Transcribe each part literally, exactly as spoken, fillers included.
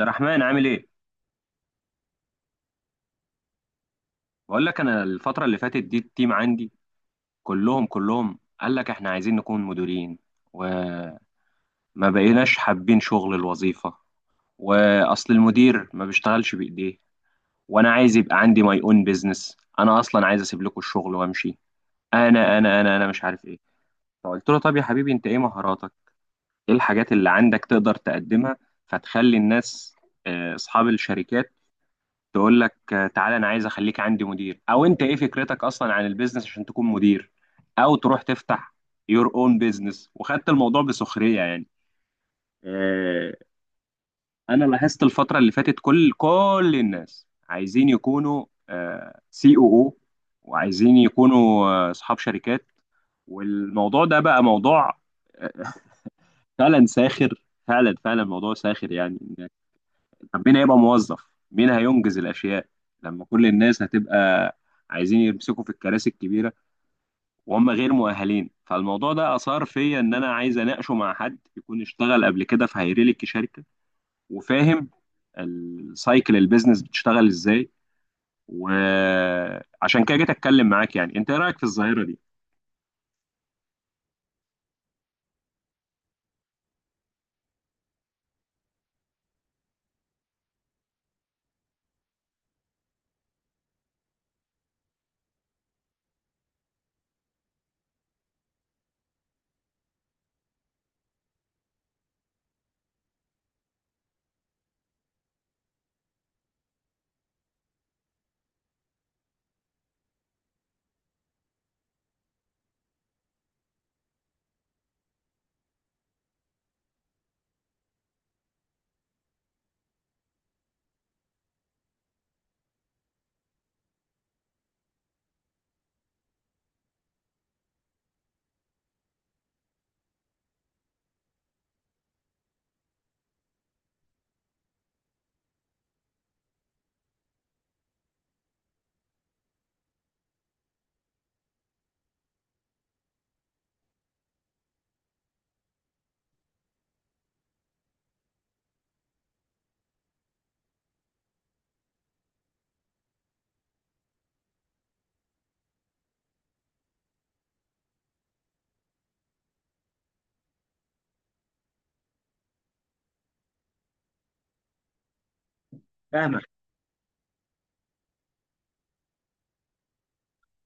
عبد الرحمن عامل ايه؟ بقول لك انا الفترة اللي فاتت دي التيم عندي كلهم كلهم قال لك احنا عايزين نكون مديرين، وما بقيناش حابين شغل الوظيفة. واصل المدير ما بيشتغلش بايديه، وانا عايز يبقى عندي ماي اون بيزنس. انا اصلا عايز اسيب لكم الشغل وامشي. انا انا انا انا مش عارف ايه. فقلت له طب يا حبيبي انت ايه مهاراتك؟ ايه الحاجات اللي عندك تقدر تقدمها فتخلي الناس، آه، اصحاب الشركات، تقول لك آه، تعالى انا عايز اخليك عندي مدير، او انت ايه فكرتك اصلا عن البيزنس عشان تكون مدير، او تروح تفتح يور اون بيزنس. وخدت الموضوع بسخرية يعني. آه، انا لاحظت الفترة اللي فاتت كل كل الناس عايزين يكونوا سي او او، وعايزين يكونوا آه، اصحاب شركات. والموضوع ده بقى موضوع آه، فعلا ساخر، فعلا فعلا موضوع ساخر يعني. طب مين هيبقى موظف؟ مين هينجز الاشياء لما كل الناس هتبقى عايزين يمسكوا في الكراسي الكبيره وهم غير مؤهلين؟ فالموضوع ده اثار فيا ان انا عايز اناقشه مع حد يكون اشتغل قبل كده في هيرلك شركه وفاهم السايكل البيزنس بتشتغل ازاي. وعشان كده جيت اتكلم معاك. يعني انت ايه رايك في الظاهره دي؟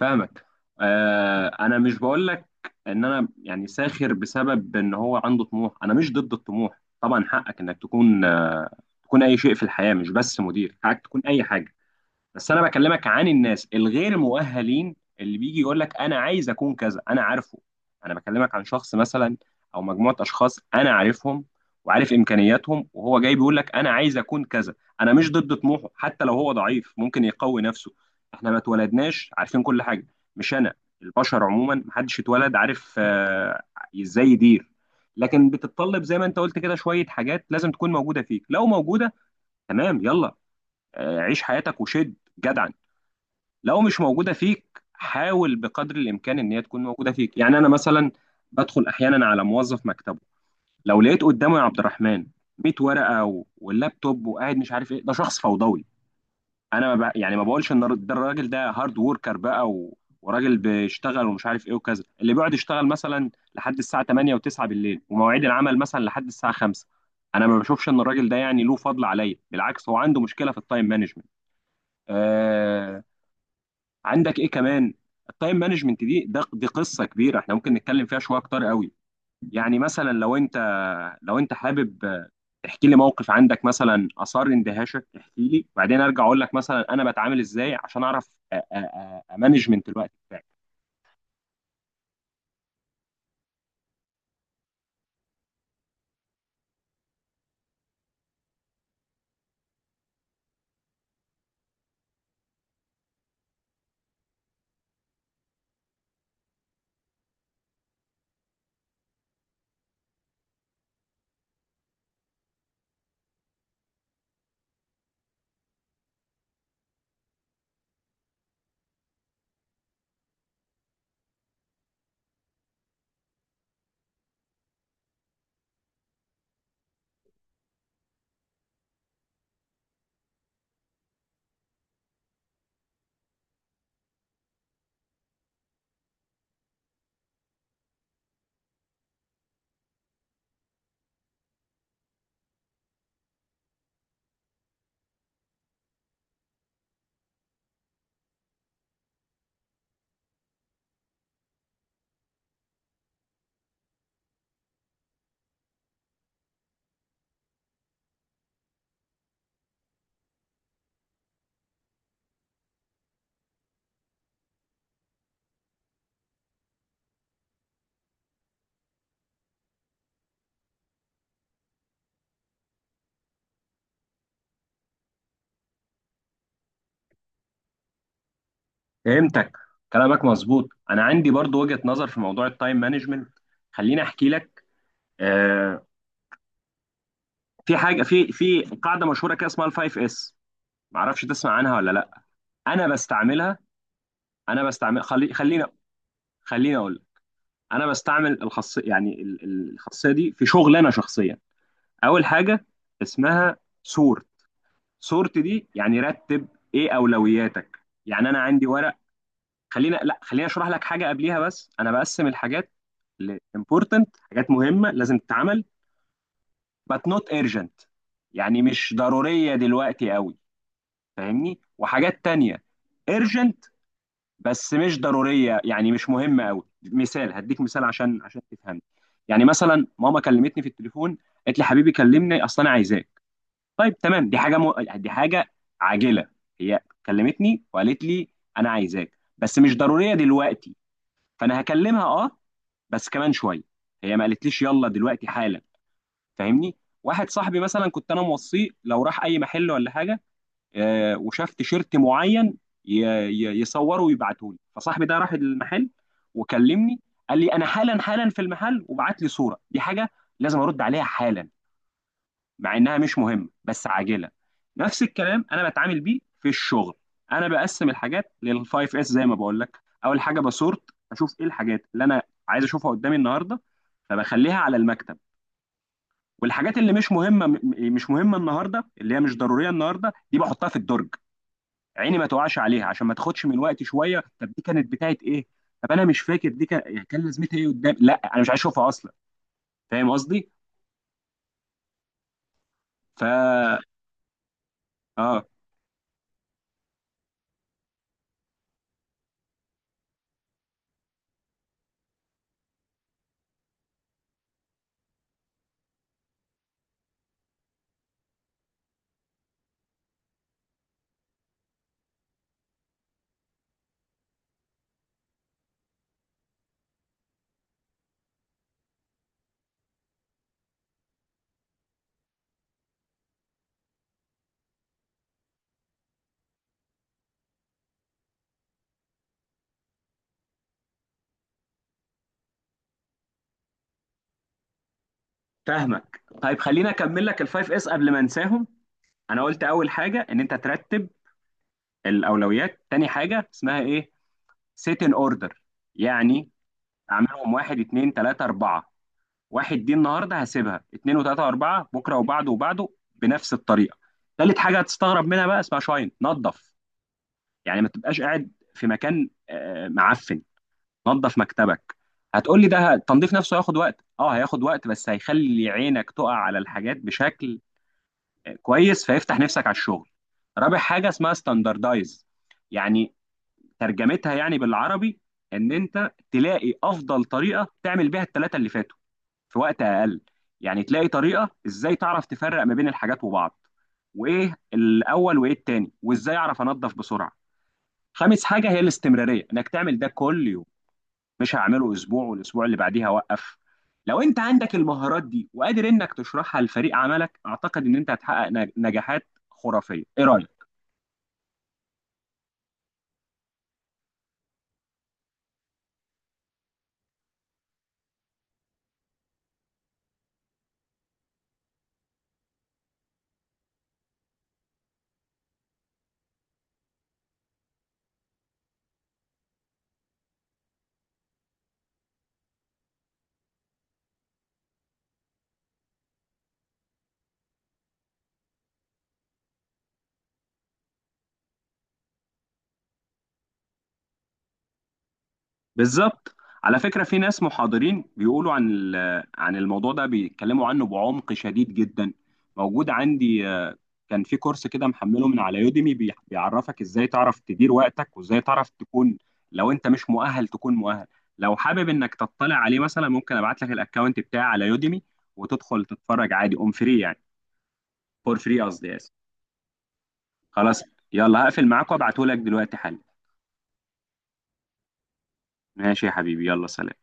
فاهمك. آه انا مش بقول لك ان انا يعني ساخر بسبب ان هو عنده طموح. انا مش ضد الطموح طبعا، حقك انك تكون آه تكون اي شيء في الحياة، مش بس مدير. حقك تكون اي حاجة. بس انا بكلمك عن الناس الغير مؤهلين اللي بيجي يقول لك انا عايز اكون كذا، انا عارفه. انا بكلمك عن شخص مثلا، او مجموعه اشخاص انا عارفهم وعارف امكانياتهم، وهو جاي بيقول لك انا عايز اكون كذا. انا مش ضد طموحه، حتى لو هو ضعيف ممكن يقوي نفسه. احنا ما اتولدناش عارفين كل حاجه. مش انا، البشر عموما محدش اتولد عارف آه، ازاي يدير. لكن بتتطلب زي ما انت قلت كده شويه حاجات لازم تكون موجوده فيك. لو موجوده، تمام، يلا، آه، عيش حياتك وشد جدعا. لو مش موجودة فيك، حاول بقدر الإمكان إن هي تكون موجودة فيك. يعني أنا مثلا بدخل أحيانا على موظف مكتبه، لو لقيت قدامه يا عبد الرحمن مية ورقة و- واللابتوب وقاعد مش عارف إيه، ده شخص فوضوي. أنا ما ب... يعني ما بقولش إن الر- ده الراجل ده هارد وركر بقى، و... وراجل بيشتغل ومش عارف إيه وكذا، اللي بيقعد يشتغل مثلا لحد الساعة تمانية و9 بالليل ومواعيد العمل مثلا لحد الساعة خمسة، أنا ما بشوفش إن الراجل ده يعني له فضل عليا. بالعكس، هو عنده مشكلة في التايم مانجمنت. عندك ايه كمان؟ التايم مانجمنت دي ده دي قصه كبيره احنا ممكن نتكلم فيها شويه اكتر قوي. يعني مثلا لو انت لو انت حابب آه، تحكي لي موقف عندك مثلا اثار اندهاشك، احكي لي، وبعدين ارجع اقول لك مثلا انا بتعامل ازاي عشان اعرف امانجمنت الوقت بتاعي. فهمتك. كلامك مظبوط. انا عندي برضو وجهة نظر في موضوع التايم مانجمنت، خليني احكي لك. آه، في حاجه، في في قاعده مشهوره كده اسمها الفايف اس، معرفش تسمع عنها ولا لا. انا بستعملها. انا بستعمل خلي... خليني، خليني اقول لك. انا بستعمل الخاصيه، يعني ال- ال- الخاصيه دي، في شغل انا شخصيا. اول حاجه اسمها سورت. سورت دي يعني رتب، ايه اولوياتك. يعني انا عندي ورق. خلينا لا خلينا اشرح لك حاجه قبليها. بس انا بقسم الحاجات ل important، حاجات مهمه لازم تتعمل، but not urgent، يعني مش ضروريه دلوقتي قوي، فاهمني. وحاجات تانية urgent، بس مش ضروريه، يعني مش مهمه قوي. مثال هديك مثال عشان عشان تفهم. يعني مثلا ماما كلمتني في التليفون، قالت لي حبيبي كلمني اصل انا عايزاك. طيب تمام، دي حاجه م... دي حاجه عاجله. هي كلمتني وقالت لي انا عايزاك بس مش ضروريه دلوقتي، فانا هكلمها اه، بس كمان شويه. هي ما قالتليش يلا دلوقتي حالا. فاهمني. واحد صاحبي مثلا كنت انا موصيه لو راح اي محل ولا حاجه آه، وشاف تيشيرت معين ي- ي- يصوره ويبعته لي. فصاحبي ده راح المحل وكلمني، قال لي انا حالا حالا في المحل وبعت لي صوره. دي حاجه لازم ارد عليها حالا، مع انها مش مهمه بس عاجله. نفس الكلام انا بتعامل بيه في الشغل. انا بقسم الحاجات للفايف اس زي ما بقول لك. اول حاجه بسورت، اشوف ايه الحاجات اللي انا عايز اشوفها قدامي النهارده، فبخليها على المكتب. والحاجات اللي مش مهمه م- مش مهمه النهارده، اللي هي مش ضروريه النهارده، دي بحطها في الدرج عيني ما تقعش عليها عشان ما تاخدش من وقتي شويه. طب دي كانت بتاعت ايه؟ طب انا مش فاكر دي كان يعني كان لازمتها ايه قدام، لا انا مش عايز اشوفها اصلا. فاهم قصدي؟ ف اه فاهمك. طيب خليني اكمل لك الفايف اس قبل ما انساهم. انا قلت اول حاجه ان انت ترتب الاولويات. تاني حاجه اسمها ايه؟ سيت ان اوردر، يعني اعملهم واحد اتنين تلاته اربعه. واحد دي النهارده هسيبها، اتنين وتلاته واربعه بكره وبعده وبعده بنفس الطريقه. تالت حاجه هتستغرب منها بقى، اسمها شاين، نظف. يعني ما تبقاش قاعد في مكان آه، معفن. نظف مكتبك. هتقول لي ده التنظيف نفسه هياخد وقت. اه هياخد وقت، بس هيخلي عينك تقع على الحاجات بشكل آه، كويس، فيفتح نفسك على الشغل. رابع حاجة اسمها ستاندردايز، يعني ترجمتها يعني بالعربي ان انت تلاقي افضل طريقة تعمل بيها الثلاثة اللي فاتوا في وقت اقل. يعني تلاقي طريقة ازاي تعرف تفرق ما بين الحاجات وبعض، وايه الاول وايه التاني، وازاي اعرف انظف بسرعة. خامس حاجة هي الاستمرارية، انك تعمل ده كل يوم، مش هعمله اسبوع والاسبوع اللي بعديها اوقف. لو انت عندك المهارات دي وقادر انك تشرحها لفريق عملك، اعتقد ان انت هتحقق نج- نجاحات خرافية. ايه رأيك؟ بالظبط. على فكرة في ناس محاضرين بيقولوا عن ال- عن الموضوع ده، بيتكلموا عنه بعمق شديد جدا. موجود عندي، آه، كان في كورس كده محمله من على يوديمي، بيعرفك ازاي تعرف تدير وقتك وازاي تعرف تكون، لو انت مش مؤهل تكون مؤهل. لو حابب انك تطلع عليه مثلا، ممكن ابعت لك الاكونت بتاعي على يوديمي وتدخل تتفرج عادي اون فري، يعني فور فري قصدي، اسف. خلاص، يلا هقفل معاك وابعته لك دلوقتي حالا. ماشي يا حبيبي، يلا سلام.